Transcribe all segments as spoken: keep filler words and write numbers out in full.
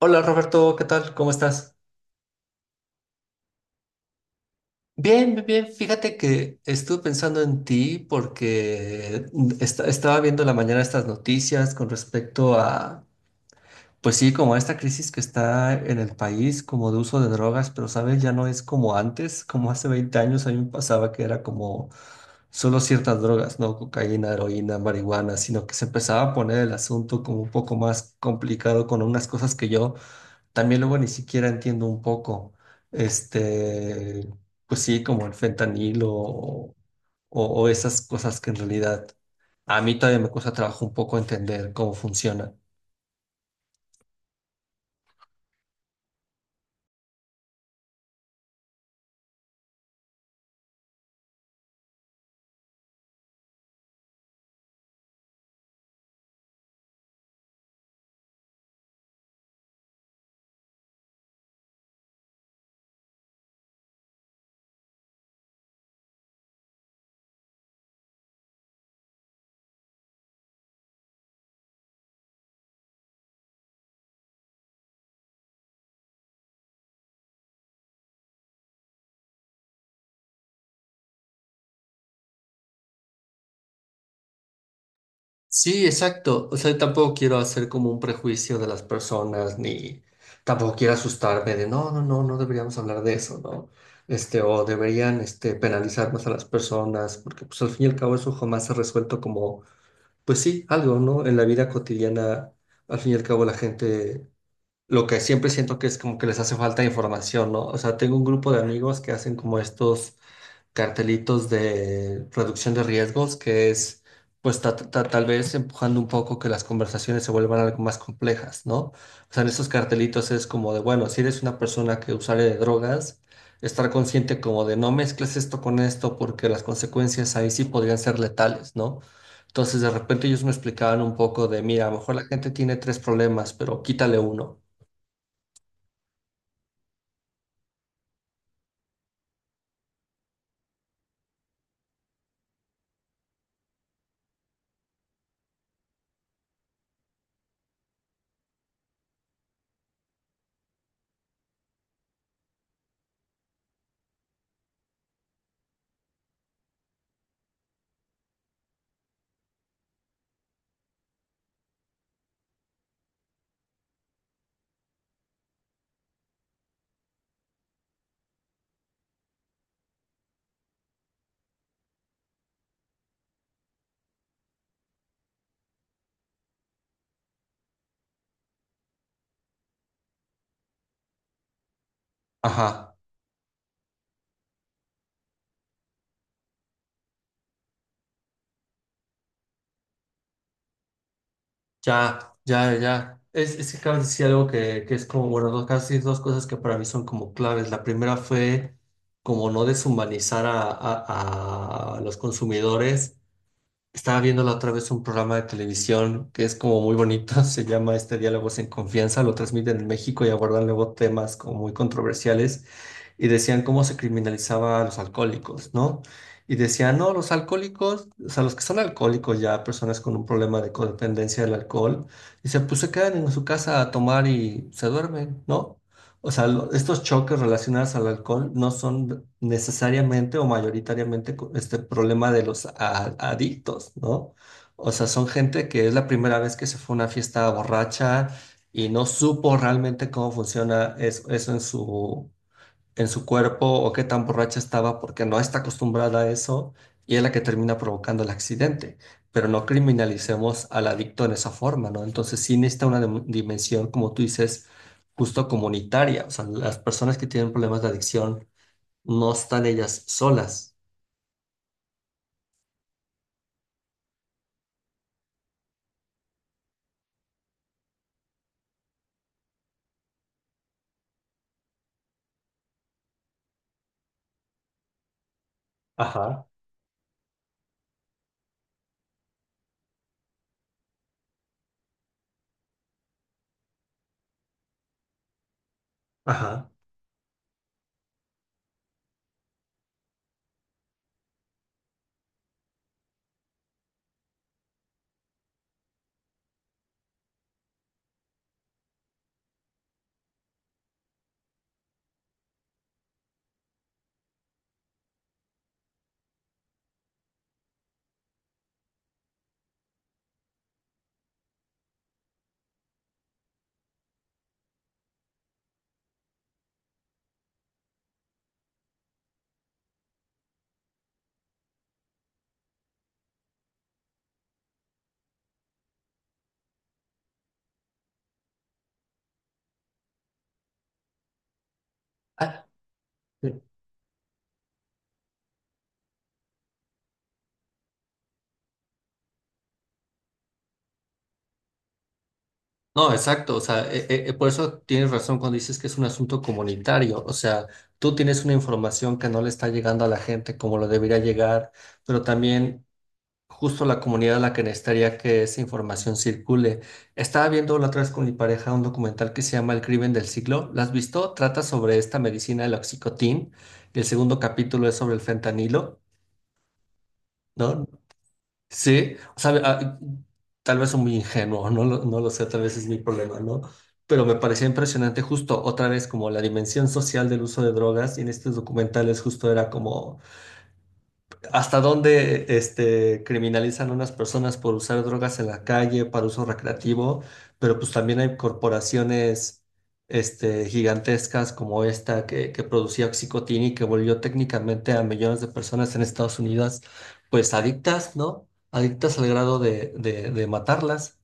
Hola Roberto, ¿qué tal? ¿Cómo estás? Bien, bien, bien. Fíjate que estuve pensando en ti porque est- estaba viendo en la mañana estas noticias con respecto a, pues sí, como a esta crisis que está en el país, como de uso de drogas. Pero sabes, ya no es como antes. Como hace veinte años a mí me pasaba que era como solo ciertas drogas, no, cocaína, heroína, marihuana, sino que se empezaba a poner el asunto como un poco más complicado con unas cosas que yo también luego ni siquiera entiendo un poco, este, pues sí, como el fentanilo o, o- o esas cosas que en realidad a mí todavía me cuesta trabajo un poco entender cómo funcionan. Sí, exacto. O sea, tampoco quiero hacer como un prejuicio de las personas, ni tampoco quiero asustarme de no, no, no, no deberíamos hablar de eso, ¿no? Este, o deberían, este, penalizar más a las personas, porque pues al fin y al cabo eso jamás se ha resuelto como pues sí, algo, ¿no? En la vida cotidiana, al fin y al cabo, la gente, lo que siempre siento que es como que les hace falta información, ¿no? O sea, tengo un grupo de amigos que hacen como estos cartelitos de reducción de riesgos, que es, pues, ta- ta- tal vez empujando un poco que las conversaciones se vuelvan algo más complejas, ¿no? O sea, en esos cartelitos es como de, bueno, si eres una persona que usuaria de drogas, estar consciente como de no mezcles esto con esto porque las consecuencias ahí sí podrían ser letales, ¿no? Entonces, de repente ellos me explicaban un poco de, mira, a lo mejor la gente tiene tres problemas, pero quítale uno. Ajá, ya, ya, ya. Es, es que acabas de decir algo que, que es como, bueno, dos, casi dos cosas que para mí son como claves. La primera fue como no deshumanizar a, a- a los consumidores. Estaba viendo la otra vez un programa de televisión que es como muy bonito, se llama este Diálogos en Confianza, lo transmiten en México y abordan luego temas como muy controversiales y decían cómo se criminalizaba a los alcohólicos, ¿no? Y decían, no, los alcohólicos, o sea, los que son alcohólicos ya, personas con un problema de codependencia del alcohol, dice, pues se quedan en su casa a tomar y se duermen, ¿no? O sea, lo- estos choques relacionados al alcohol no son necesariamente o mayoritariamente co- este problema de los a- adictos, ¿no? O sea, son gente que es la primera vez que se fue a una fiesta borracha y no supo realmente cómo funciona es- eso, en su, en su cuerpo, o qué tan borracha estaba porque no está acostumbrada a eso y es la que termina provocando el accidente. Pero no criminalicemos al adicto en esa forma, ¿no? Entonces sí necesita una dim- dimensión, como tú dices, justo comunitaria. O sea, las personas que tienen problemas de adicción no están ellas solas. Ajá, ajá. Ah, no, exacto, o sea, e- e- e- por eso tienes razón cuando dices que es un asunto comunitario. O sea, tú tienes una información que no le está llegando a la gente como lo debería llegar, pero también justo la comunidad a la que necesitaría que esa información circule. Estaba viendo la otra vez con mi pareja un documental que se llama El Crimen del Siglo, ¿lo has visto? Trata sobre esta medicina, el oxicotín, y el segundo capítulo es sobre el fentanilo, ¿no? Sí, o sea, ah, tal vez soy muy ingenuo, no lo, no lo sé, tal vez es mi problema, ¿no? Pero me parecía impresionante justo otra vez como la dimensión social del uso de drogas, y en estos documentales justo era como... ¿Hasta dónde este criminalizan a unas personas por usar drogas en la calle para uso recreativo? Pero pues también hay corporaciones este, gigantescas como esta que, que producía oxicotina, y que volvió técnicamente a millones de personas en Estados Unidos pues adictas, ¿no? Adictas al grado de, de, de matarlas.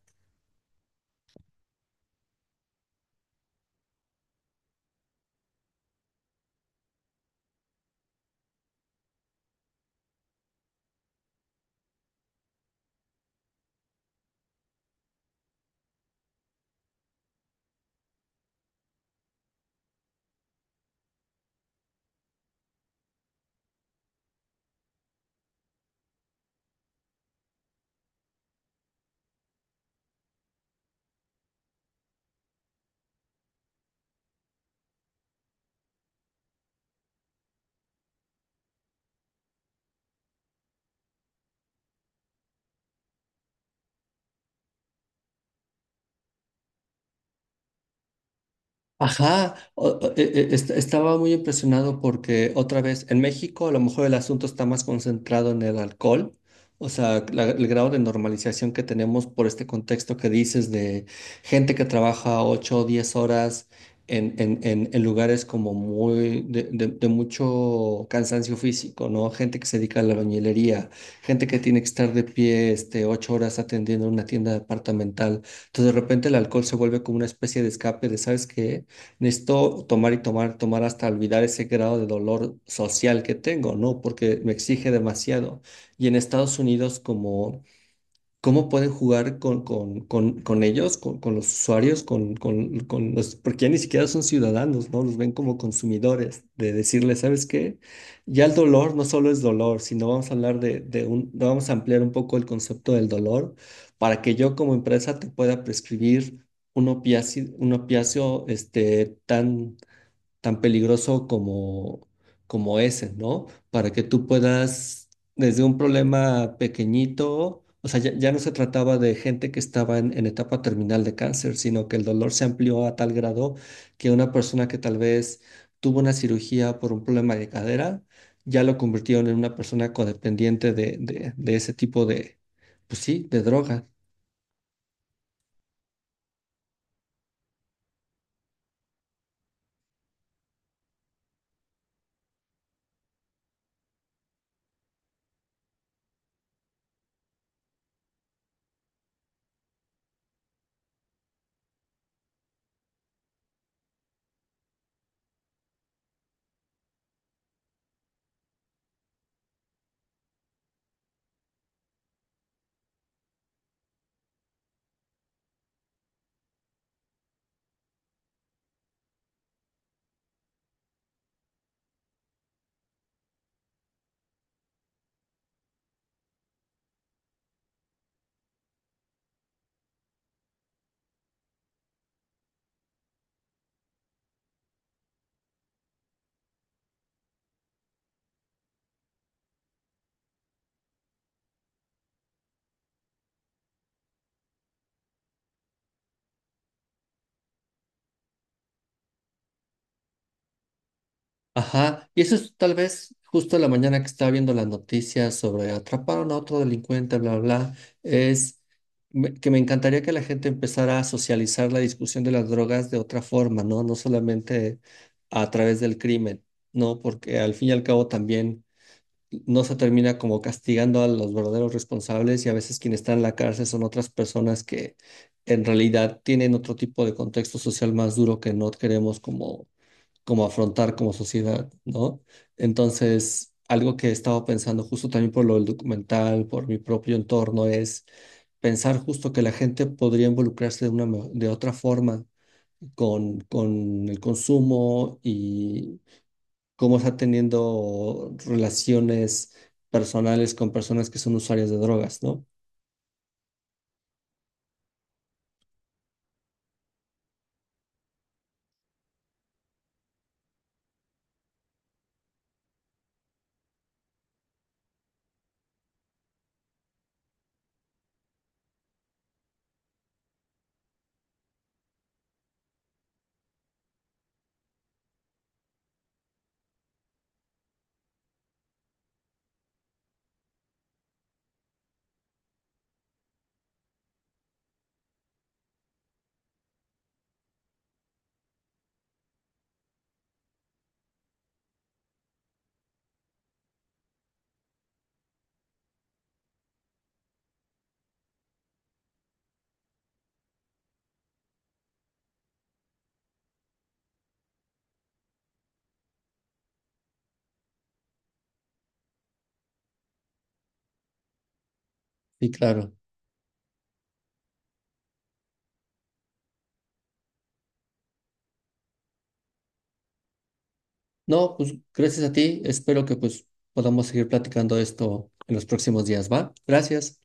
Ajá, o- o- e- e- est- estaba muy impresionado porque otra vez en México a lo mejor el asunto está más concentrado en el alcohol. O sea, la- el grado de normalización que tenemos por este contexto que dices de gente que trabaja ocho o diez horas en, en, en, en lugares como muy de, de- de mucho cansancio físico, ¿no? Gente que se dedica a la albañilería, gente que tiene que estar de pie este, ocho horas atendiendo una tienda departamental. Entonces de repente el alcohol se vuelve como una especie de escape de, ¿sabes qué? Necesito tomar y tomar, tomar hasta olvidar ese grado de dolor social que tengo, ¿no? Porque me exige demasiado. Y en Estados Unidos, como cómo pueden jugar con, con, con, con ellos, con, con los usuarios, con, con, con los, porque ya ni siquiera son ciudadanos, ¿no? Los ven como consumidores, de decirles, ¿sabes qué? Ya el dolor no solo es dolor, sino vamos a hablar de, de un, vamos a ampliar un poco el concepto del dolor para que yo como empresa te pueda prescribir un opiáceo, un opiáceo este, tan tan peligroso como, como ese, ¿no? Para que tú puedas, desde un problema pequeñito, o sea, ya, ya no se trataba de gente que estaba en, en etapa terminal de cáncer, sino que el dolor se amplió a tal grado que una persona que tal vez tuvo una cirugía por un problema de cadera, ya lo convirtieron en una persona codependiente de, de, de ese tipo de, pues sí, de droga. Ajá, y eso es tal vez justo la mañana que estaba viendo las noticias sobre atraparon a otro delincuente, bla, bla, bla, es me- que me encantaría que la gente empezara a socializar la discusión de las drogas de otra forma, ¿no? No solamente a través del crimen, ¿no? Porque al fin y al cabo también no se termina como castigando a los verdaderos responsables, y a veces quienes están en la cárcel son otras personas que en realidad tienen otro tipo de contexto social más duro que no queremos como como afrontar como sociedad, ¿no? Entonces, algo que he estado pensando justo también por lo del documental, por mi propio entorno, es pensar justo que la gente podría involucrarse de una, me- de otra forma con, con el consumo, y cómo está teniendo relaciones personales con personas que son usuarias de drogas, ¿no? Y claro. No, pues gracias a ti. Espero que pues podamos seguir platicando esto en los próximos días, ¿va? Gracias.